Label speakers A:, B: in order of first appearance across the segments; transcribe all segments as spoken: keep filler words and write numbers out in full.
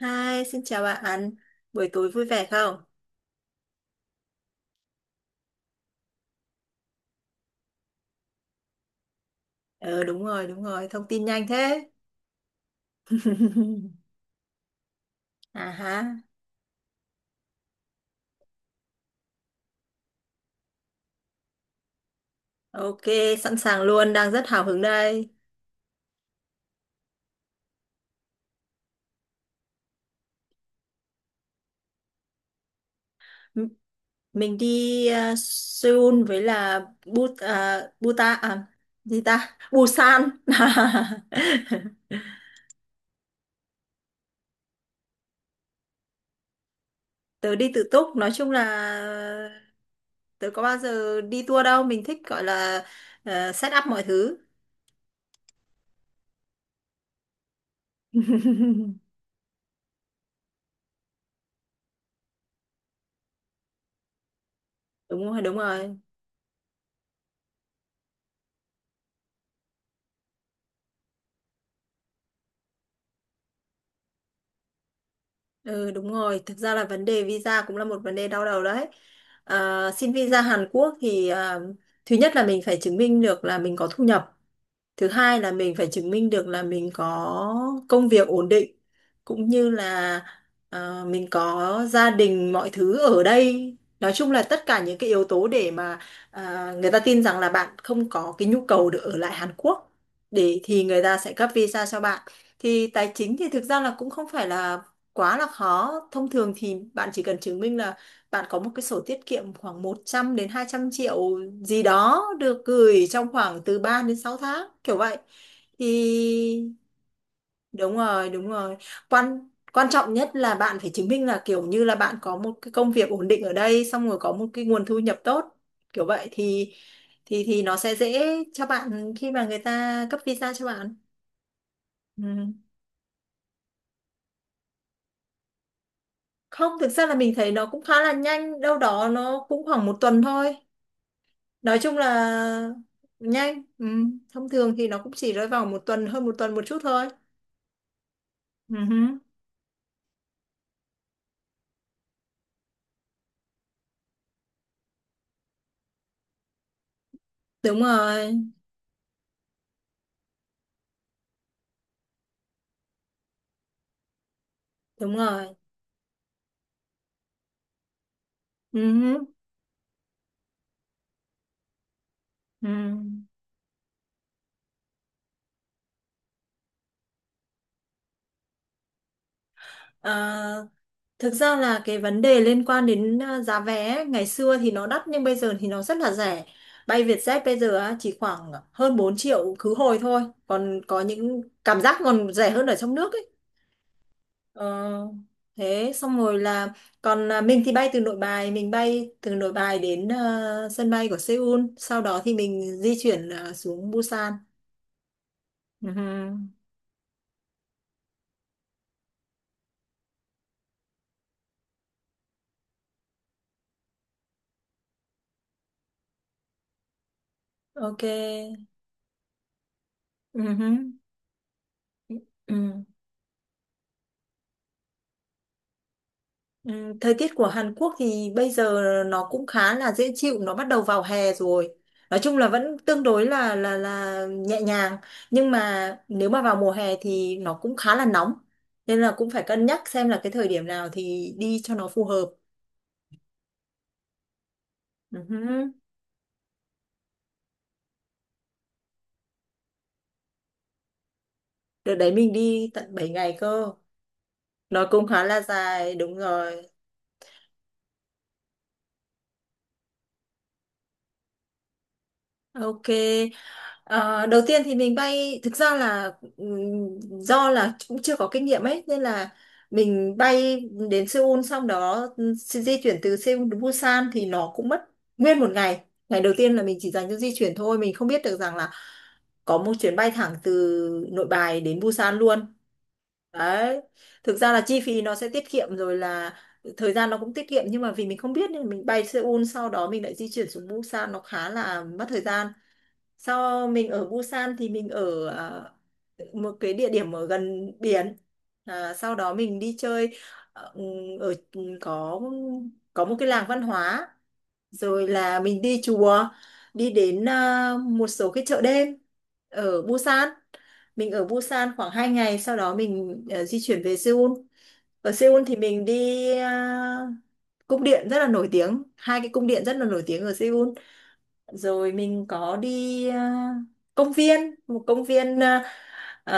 A: Hi, xin chào bạn. Buổi tối vui vẻ không? Ờ đúng rồi, đúng rồi, thông tin nhanh thế. À ha. Ok, sẵn sàng luôn, đang rất hào hứng đây. M- Mình đi à, Seoul với là But à, Buta à gì ta? Busan. Tớ đi tự túc, nói chung là tớ có bao giờ đi tour đâu, mình thích gọi là ờ, set up mọi thứ. Đúng rồi, đúng rồi. Ừ đúng rồi, thực ra là vấn đề visa cũng là một vấn đề đau đầu đấy. À, xin visa Hàn Quốc thì à, thứ nhất là mình phải chứng minh được là mình có thu nhập. Thứ hai là mình phải chứng minh được là mình có công việc ổn định cũng như là ờ, mình có gia đình mọi thứ ở đây. Nói chung là tất cả những cái yếu tố để mà à, người ta tin rằng là bạn không có cái nhu cầu được ở lại Hàn Quốc để thì người ta sẽ cấp visa cho bạn. Thì tài chính thì thực ra là cũng không phải là quá là khó. Thông thường thì bạn chỉ cần chứng minh là bạn có một cái sổ tiết kiệm khoảng một trăm đến hai trăm triệu gì đó, được gửi trong khoảng từ ba đến sáu tháng kiểu vậy. Thì đúng rồi, đúng rồi, quan quan trọng nhất là bạn phải chứng minh là kiểu như là bạn có một cái công việc ổn định ở đây, xong rồi có một cái nguồn thu nhập tốt kiểu vậy thì thì thì nó sẽ dễ cho bạn khi mà người ta cấp visa cho bạn. Ừ. Không, thực ra là mình thấy nó cũng khá là nhanh, đâu đó nó cũng khoảng một tuần thôi, nói chung là nhanh. Ừ. Thông thường thì nó cũng chỉ rơi vào một tuần, hơn một tuần một chút thôi. Ừ hứ. Đúng rồi, đúng rồi. Ừ hứ. Ừ. À, thực ra là cái vấn đề liên quan đến à, giá vé ấy, ngày xưa thì nó đắt nhưng bây giờ thì nó rất là rẻ. Bay Vietjet bây giờ á, chỉ khoảng hơn bốn triệu khứ hồi thôi, còn có những cảm giác còn rẻ hơn ở trong nước ấy. Ờ, thế xong rồi là còn à, mình thì bay từ Nội Bài, mình bay từ Nội Bài đến ờ, sân bay của Seoul, sau đó thì mình di chuyển ờ, xuống Busan. Ừ hừ. Ok. Ừ hừ. Ừ. Ừ. Thời tiết của Hàn Quốc thì bây giờ nó cũng khá là dễ chịu, nó bắt đầu vào hè rồi, nói chung là vẫn tương đối là là là nhẹ nhàng, nhưng mà nếu mà vào mùa hè thì nó cũng khá là nóng, nên là cũng phải cân nhắc xem là cái thời điểm nào thì đi cho nó phù hợp. Ừ hứ. Đợt đấy mình đi tận bảy ngày cơ. Nó cũng khá là dài, đúng rồi. Ok. Ờ, đầu tiên thì mình bay, thực ra là ừm, do là cũng chưa có kinh nghiệm ấy, nên là mình bay đến Seoul, xong đó di di chuyển từ Seoul đến Busan thì nó cũng mất nguyên một ngày. Ngày đầu tiên là mình chỉ dành cho di chuyển thôi, mình không biết được rằng là có một chuyến bay thẳng từ Nội Bài đến Busan luôn đấy. Thực ra là chi phí nó sẽ tiết kiệm, rồi là thời gian nó cũng tiết kiệm, nhưng mà vì mình không biết nên mình bay Seoul, sau đó mình lại di chuyển xuống Busan, nó khá là mất thời gian. Sau mình ở Busan thì mình ở à, một cái địa điểm ở gần biển, à, sau đó mình đi chơi ờ, ừ, ở ừ, có có một cái làng văn hóa, rồi là mình đi chùa, đi đến à, một số cái chợ đêm ở Busan. Mình ở Busan khoảng hai ngày, sau đó mình à, di chuyển về Seoul. Ở Seoul thì mình đi à, cung điện rất là nổi tiếng, hai cái cung điện rất là nổi tiếng ở Seoul. Rồi mình có đi à, công viên, một công viên à, à,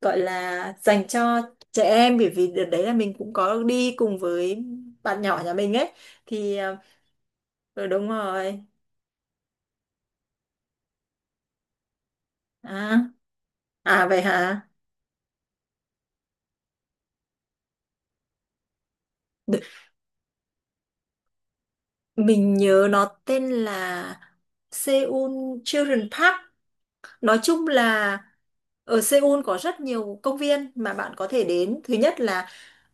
A: gọi là dành cho trẻ em, bởi vì đợt đấy là mình cũng có đi cùng với bạn nhỏ nhà mình ấy, thì à, ừ, đúng rồi. À, à vậy hả? Đ- Mình nhớ nó tên là Seoul Children Park. Nói chung là ở Seoul có rất nhiều công viên mà bạn có thể đến. Thứ nhất là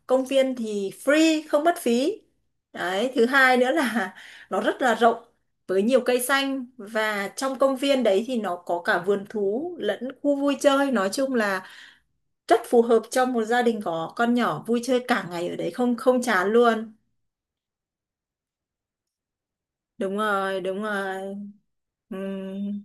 A: công viên thì free, không mất phí. Đấy, thứ hai nữa là nó rất là rộng với nhiều cây xanh, và trong công viên đấy thì nó có cả vườn thú lẫn khu vui chơi. Nói chung là rất phù hợp cho một gia đình có con nhỏ vui chơi cả ngày ở đấy không, không chán luôn. Đúng rồi, đúng rồi. Ừm,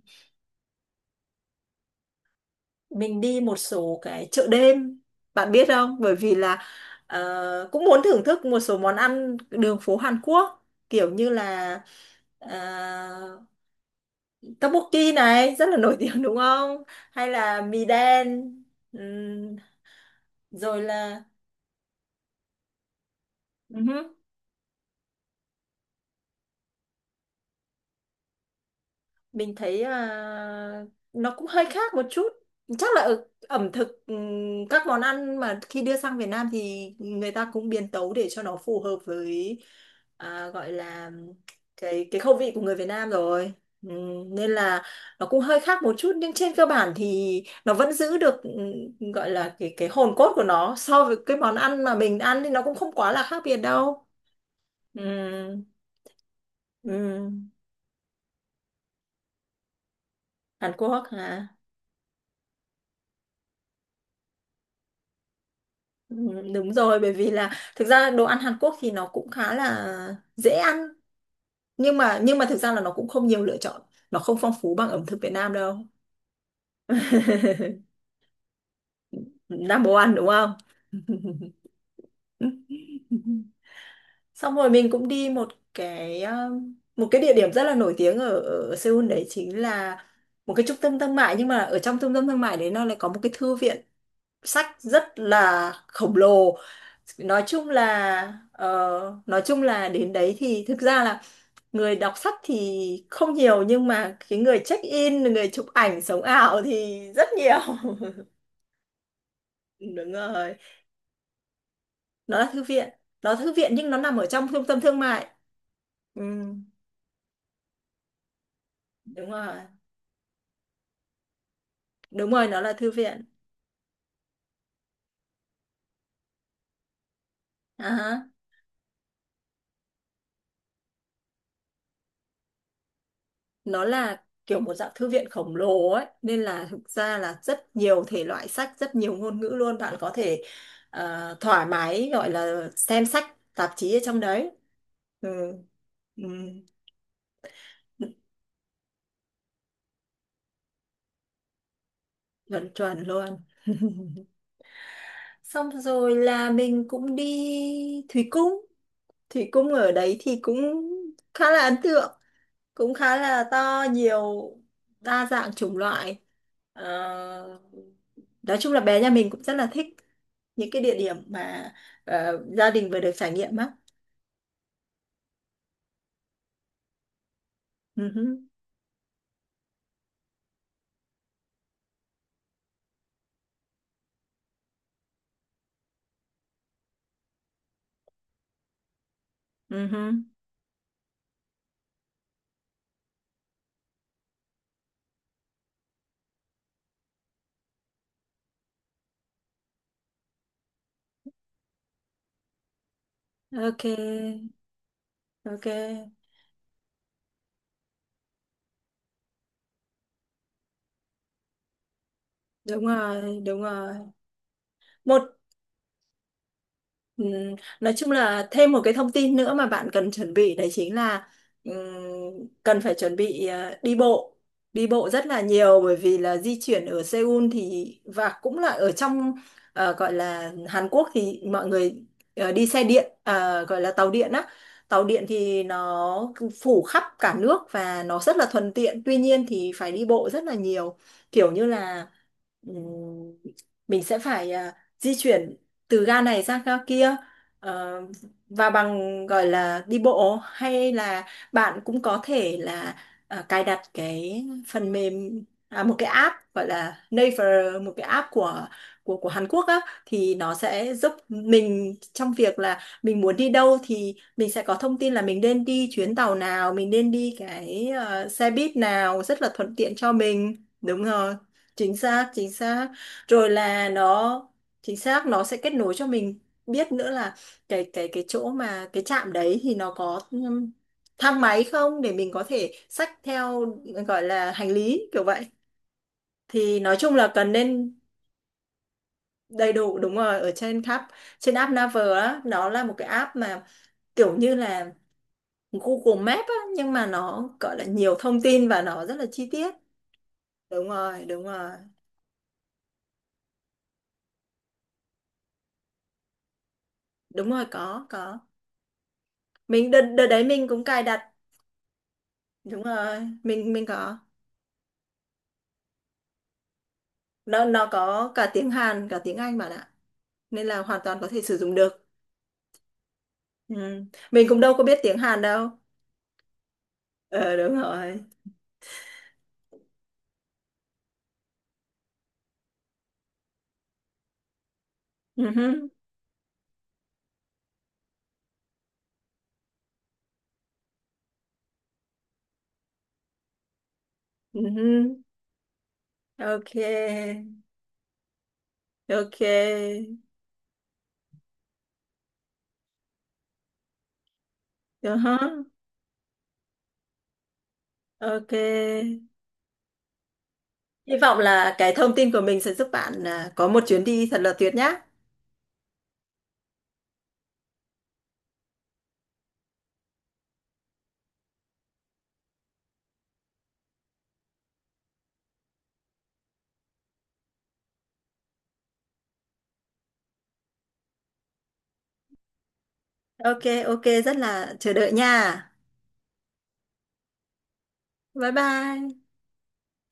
A: mình đi một số cái chợ đêm, bạn biết không, bởi vì là ờ, cũng muốn thưởng thức một số món ăn đường phố Hàn Quốc, kiểu như là uh, tteokbokki này rất là nổi tiếng đúng không, hay là mì đen. Ừm, rồi là ừ. Mình thấy à, nó cũng hơi khác một chút, chắc là ở ẩm thực, ừm, các món ăn mà khi đưa sang Việt Nam thì người ta cũng biến tấu để cho nó phù hợp với à, gọi là cái cái khẩu vị của người Việt Nam rồi. Ừm, nên là nó cũng hơi khác một chút, nhưng trên cơ bản thì nó vẫn giữ được, ừm, gọi là cái cái hồn cốt của nó, so với cái món ăn mà mình ăn thì nó cũng không quá là khác biệt đâu. Ừm, ừm. Hàn Quốc hả? Ừ, đúng rồi, bởi vì là thực ra đồ ăn Hàn Quốc thì nó cũng khá là dễ ăn, nhưng mà nhưng mà thực ra là nó cũng không nhiều lựa chọn, nó không phong phú bằng ẩm thực Việt Nam đâu. Number one đúng không? Xong rồi mình cũng đi một cái um, một cái địa điểm rất là nổi tiếng ở, ở Seoul đấy, chính là một cái trung tâm thương mại, nhưng mà ở trong trung tâm thương mại đấy nó lại có một cái thư viện sách rất là khổng lồ, nói chung là ờ, nói chung là đến đấy thì thực ra là người đọc sách thì không nhiều, nhưng mà cái người check in, người chụp ảnh sống ảo thì rất nhiều. Đúng rồi, nó là thư viện, nó là thư viện nhưng nó nằm ở trong trung tâm thương mại. ừ, Đúng rồi, đúng rồi, nó là thư viện. à, nó là kiểu một dạng thư viện khổng lồ ấy, nên là thực ra là rất nhiều thể loại sách, rất nhiều ngôn ngữ luôn, bạn có thể ờ, thoải mái gọi là xem sách tạp chí ở trong đấy. Ừ. Ừ. Chuẩn chuẩn luôn. Xong rồi là mình cũng đi Thủy Cung. Thủy Cung ở đấy thì cũng khá là ấn tượng, cũng khá là to, nhiều đa dạng chủng loại. Ờ, nói chung là bé nhà mình cũng rất là thích những cái địa điểm mà ờ, gia đình vừa được trải nghiệm á. Ừ hứ. Ừ hứ. Ok, ok. Đúng rồi, đúng rồi. Một. Ừm, Nói chung là thêm một cái thông tin nữa mà bạn cần chuẩn bị đấy chính là ừm, cần phải chuẩn bị ờ, đi bộ, đi bộ rất là nhiều, bởi vì là di chuyển ở Seoul thì và cũng là ở trong ờ, gọi là Hàn Quốc thì mọi người ờ, đi xe điện, ờ, gọi là tàu điện á. Tàu điện thì nó phủ khắp cả nước và nó rất là thuận tiện, tuy nhiên thì phải đi bộ rất là nhiều, kiểu như là ừm, mình sẽ phải à, di chuyển từ ga này sang ga kia, ờ, và bằng gọi là đi bộ, hay là bạn cũng có thể là ờ, cài đặt cái phần mềm, à, một cái app gọi là Naver, một cái app của của của Hàn Quốc á, thì nó sẽ giúp mình trong việc là mình muốn đi đâu thì mình sẽ có thông tin là mình nên đi chuyến tàu nào, mình nên đi cái ờ, xe buýt nào, rất là thuận tiện cho mình. Đúng rồi, chính xác, chính xác. Rồi là nó chính xác, nó sẽ kết nối cho mình biết nữa là cái cái cái chỗ mà cái trạm đấy thì nó có ừm, thang máy không, để mình có thể xách theo, gọi là hành lý kiểu vậy, thì nói chung là cần nên đầy đủ. Đúng rồi, ở trên app, trên app Naver á, nó là một cái app mà kiểu như là Google Maps á, nhưng mà nó gọi là nhiều thông tin và nó rất là chi tiết. Đúng rồi, đúng rồi. Đúng rồi, có có. Mình đợt đợt đấy mình cũng cài đặt. Đúng rồi, mình mình có. Nó nó có cả tiếng Hàn cả tiếng Anh bạn ạ, nên là hoàn toàn có thể sử dụng được. Ừ. Mình cũng đâu có biết tiếng Hàn đâu. Ờ đúng rồi. Ừ hứ. Ừ hứ. Ok, ok. Ừ hứ. Ok, hy vọng là cái thông tin của mình sẽ giúp bạn à, có một chuyến đi thật là tuyệt nhá. Ok, ok, rất là chờ đợi nha. Bye bye.